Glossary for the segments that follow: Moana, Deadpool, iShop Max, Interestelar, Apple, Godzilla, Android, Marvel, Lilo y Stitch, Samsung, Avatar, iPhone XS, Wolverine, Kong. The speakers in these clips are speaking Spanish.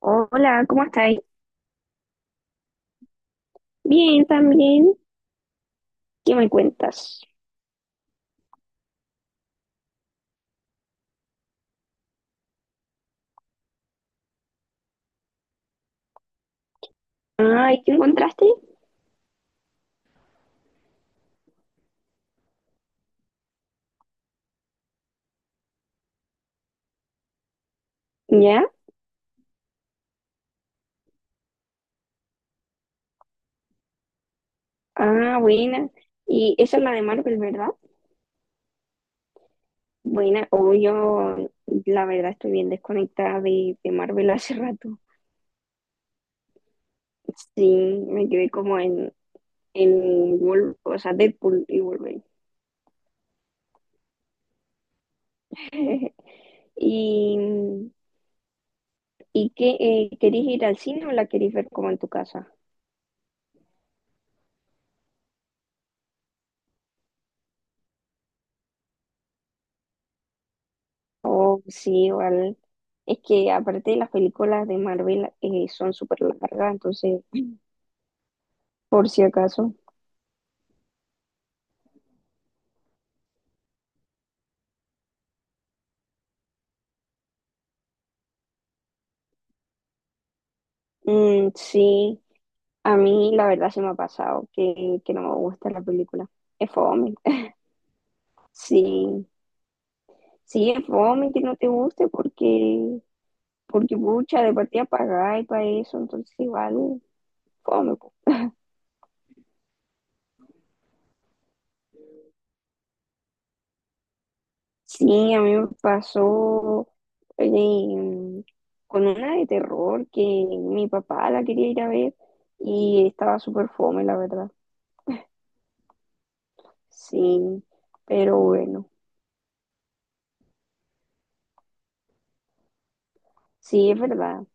Hola, ¿cómo estáis? Bien, también. ¿Qué me cuentas? Ay, ¿qué encontraste? ¿Ya? Ah, buena. Y esa es la de Marvel, ¿verdad? Buena. O yo, la verdad, estoy bien desconectada de Marvel hace rato. Sí, me quedé como en o sea, Deadpool y Wolverine. ¿Y, y qué? ¿Querés ir al cine o la querés ver como en tu casa? Oh, sí, igual. Es que aparte las películas de Marvel son súper largas, entonces, por si acaso. Mm, sí, a mí la verdad se me ha pasado que no me gusta la película. Es fome. Sí, sí, es fome que no te guste porque, porque pucha, de partida pagáis para eso, entonces igual, fome po. Sí, a mí me pasó eh, con una de terror que mi papá la quería ir a ver y estaba súper fome, la verdad. Sí, pero bueno, sí, es verdad.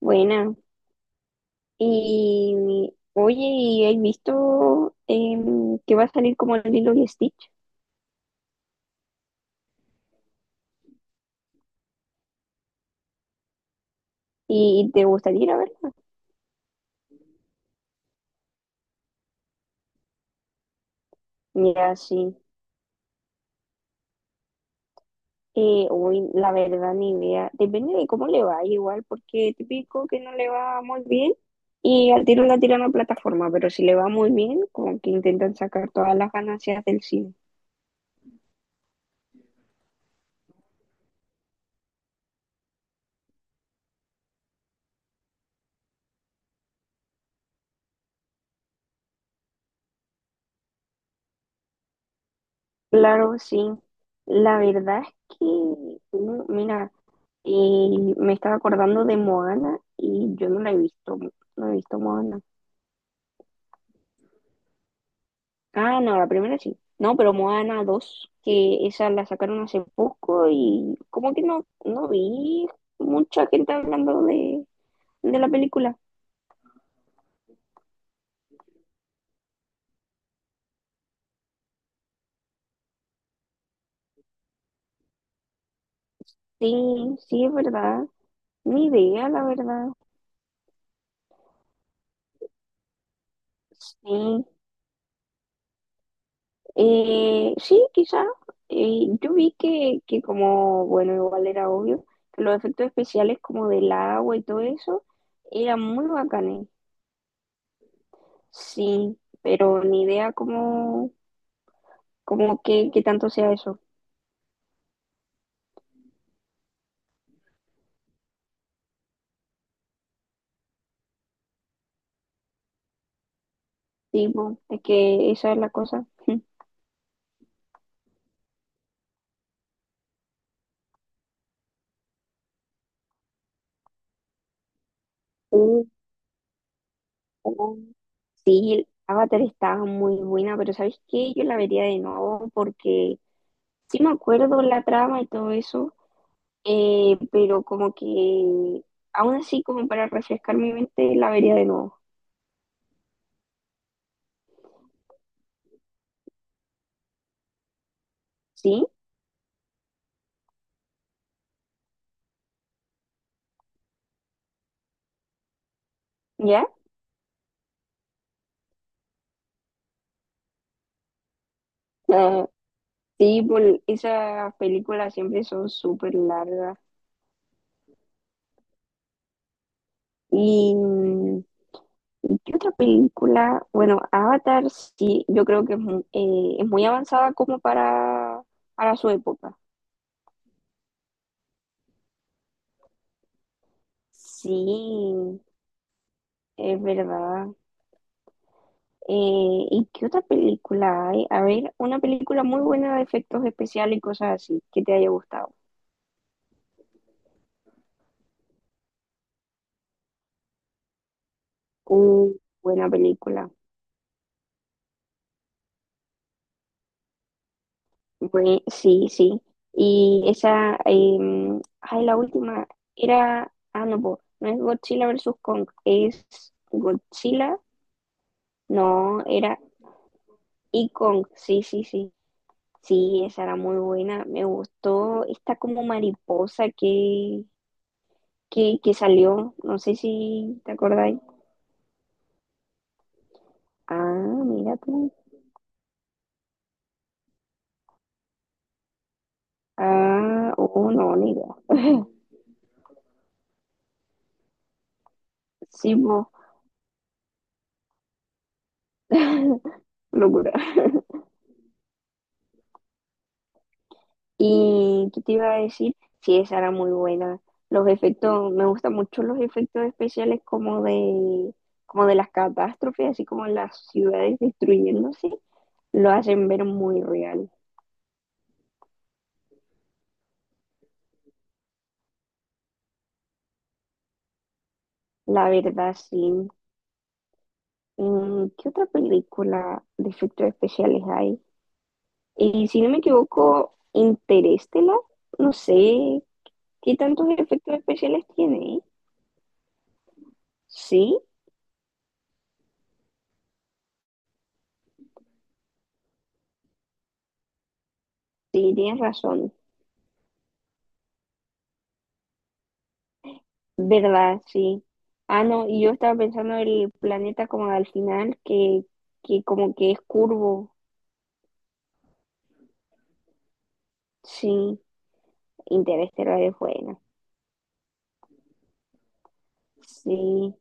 Buena. Y oye, ¿y has visto que va a salir como el Lilo y Stitch? ¿Y te gustaría ir a verla? Mira, sí. Uy, la verdad, ni idea. Depende de cómo le va, igual, porque típico que no le va muy bien y al tiro la tiran a plataforma, pero si le va muy bien, como que intentan sacar todas las ganancias del cine. Claro, sí. La verdad es que, no, mira, me estaba acordando de Moana y yo no la he visto, no he visto Moana. Ah, no, la primera sí. No, pero Moana 2, que esa la sacaron hace poco y como que no, no vi mucha gente hablando de la película. Sí, sí, es verdad. Ni idea, la verdad. Sí, sí, quizá. Yo vi que como, bueno, igual era obvio, que los efectos especiales como del agua y todo eso eran muy bacanes. Sí, pero ni idea como, como que tanto sea eso. Sí, po, es que esa es la cosa. Sí, oh, sí, Avatar estaba muy buena, pero ¿sabes qué? Yo la vería de nuevo porque sí me acuerdo la trama y todo eso, pero como que aún así como para refrescar mi mente la vería de nuevo. ¿Sí? ¿Ya? Ah, sí, por esas películas siempre son súper largas y mm, ¿qué otra película? Bueno, Avatar sí, yo creo que es, es muy avanzada como para su época. Sí, es verdad. ¿Y qué otra película hay? A ver, una película muy buena de efectos especiales y cosas así, que te haya gustado. Uh, buena película. Sí, sí. Y esa, em, ay, la última era, ah, no, po, no es Godzilla versus Kong, es Godzilla, no, era. Y con, sí, sí, sí, sí, esa era muy buena. Me gustó esta como mariposa que salió. No sé si te acordáis. Ah, mira tú. Ah, oh, no, ni idea. Sí, mo. Locura. ¿Y qué te iba a decir? Sí, esa era muy buena. Los efectos, me gustan mucho los efectos especiales como de las catástrofes, así como las ciudades destruyéndose, lo hacen ver muy real. La verdad, sí. Mm, ¿qué otra película de efectos especiales hay? Y si no me equivoco, Interestelar, no sé qué tantos efectos especiales tiene, ¿eh? Sí, sí, tienes razón. ¿Verdad? Sí. Ah, no, y yo estaba pensando en el planeta como al final, que como que es curvo. Sí, Interestelar es buena. Sí.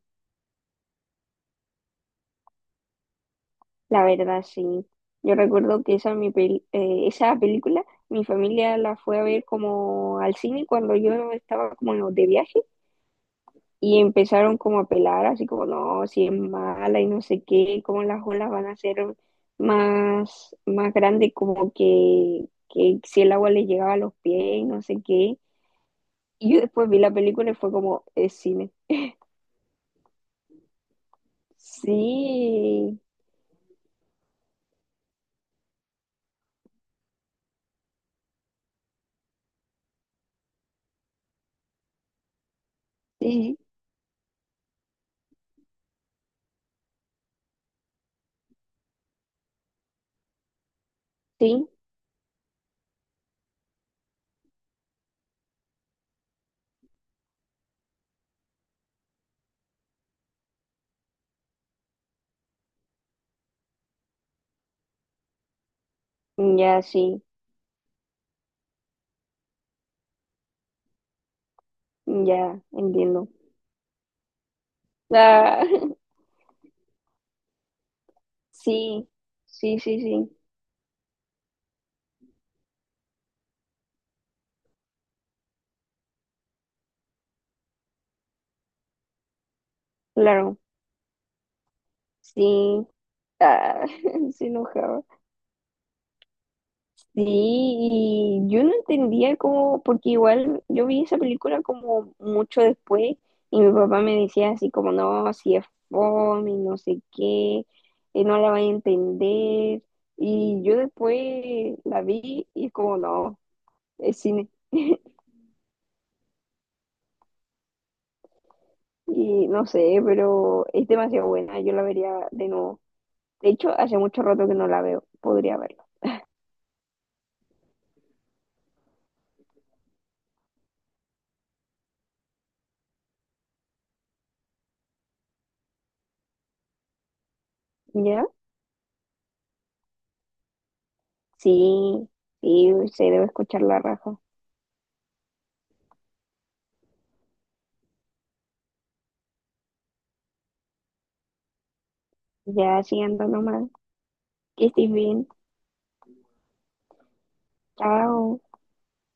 La verdad, sí. Yo recuerdo que esa, esa película, mi familia la fue a ver como al cine cuando yo estaba como de viaje y empezaron como a pelar, así como, no, si es mala y no sé qué, como las olas van a ser más, más grandes, como que si el agua le llegaba a los pies y no sé qué. Y yo después vi la película y fue como, es cine. Sí, sí, sí, ya, sí, ya, entiendo. Ah, sí, sí, sí, sí, claro, sí, ah, se enojaba. Sí, y yo no entendía cómo, porque igual yo vi esa película como mucho después y mi papá me decía así como, no, si es fome, y no sé qué, no la vas a entender. Y yo después la vi y es como, no, es cine. Y no sé, pero es demasiado buena, yo la vería de nuevo. De hecho, hace mucho rato que no la veo, podría verla. ¿Ya? Sí, sí, se debe escuchar la raja. Ya, sí, ando nomás. Que estés bien. Chao.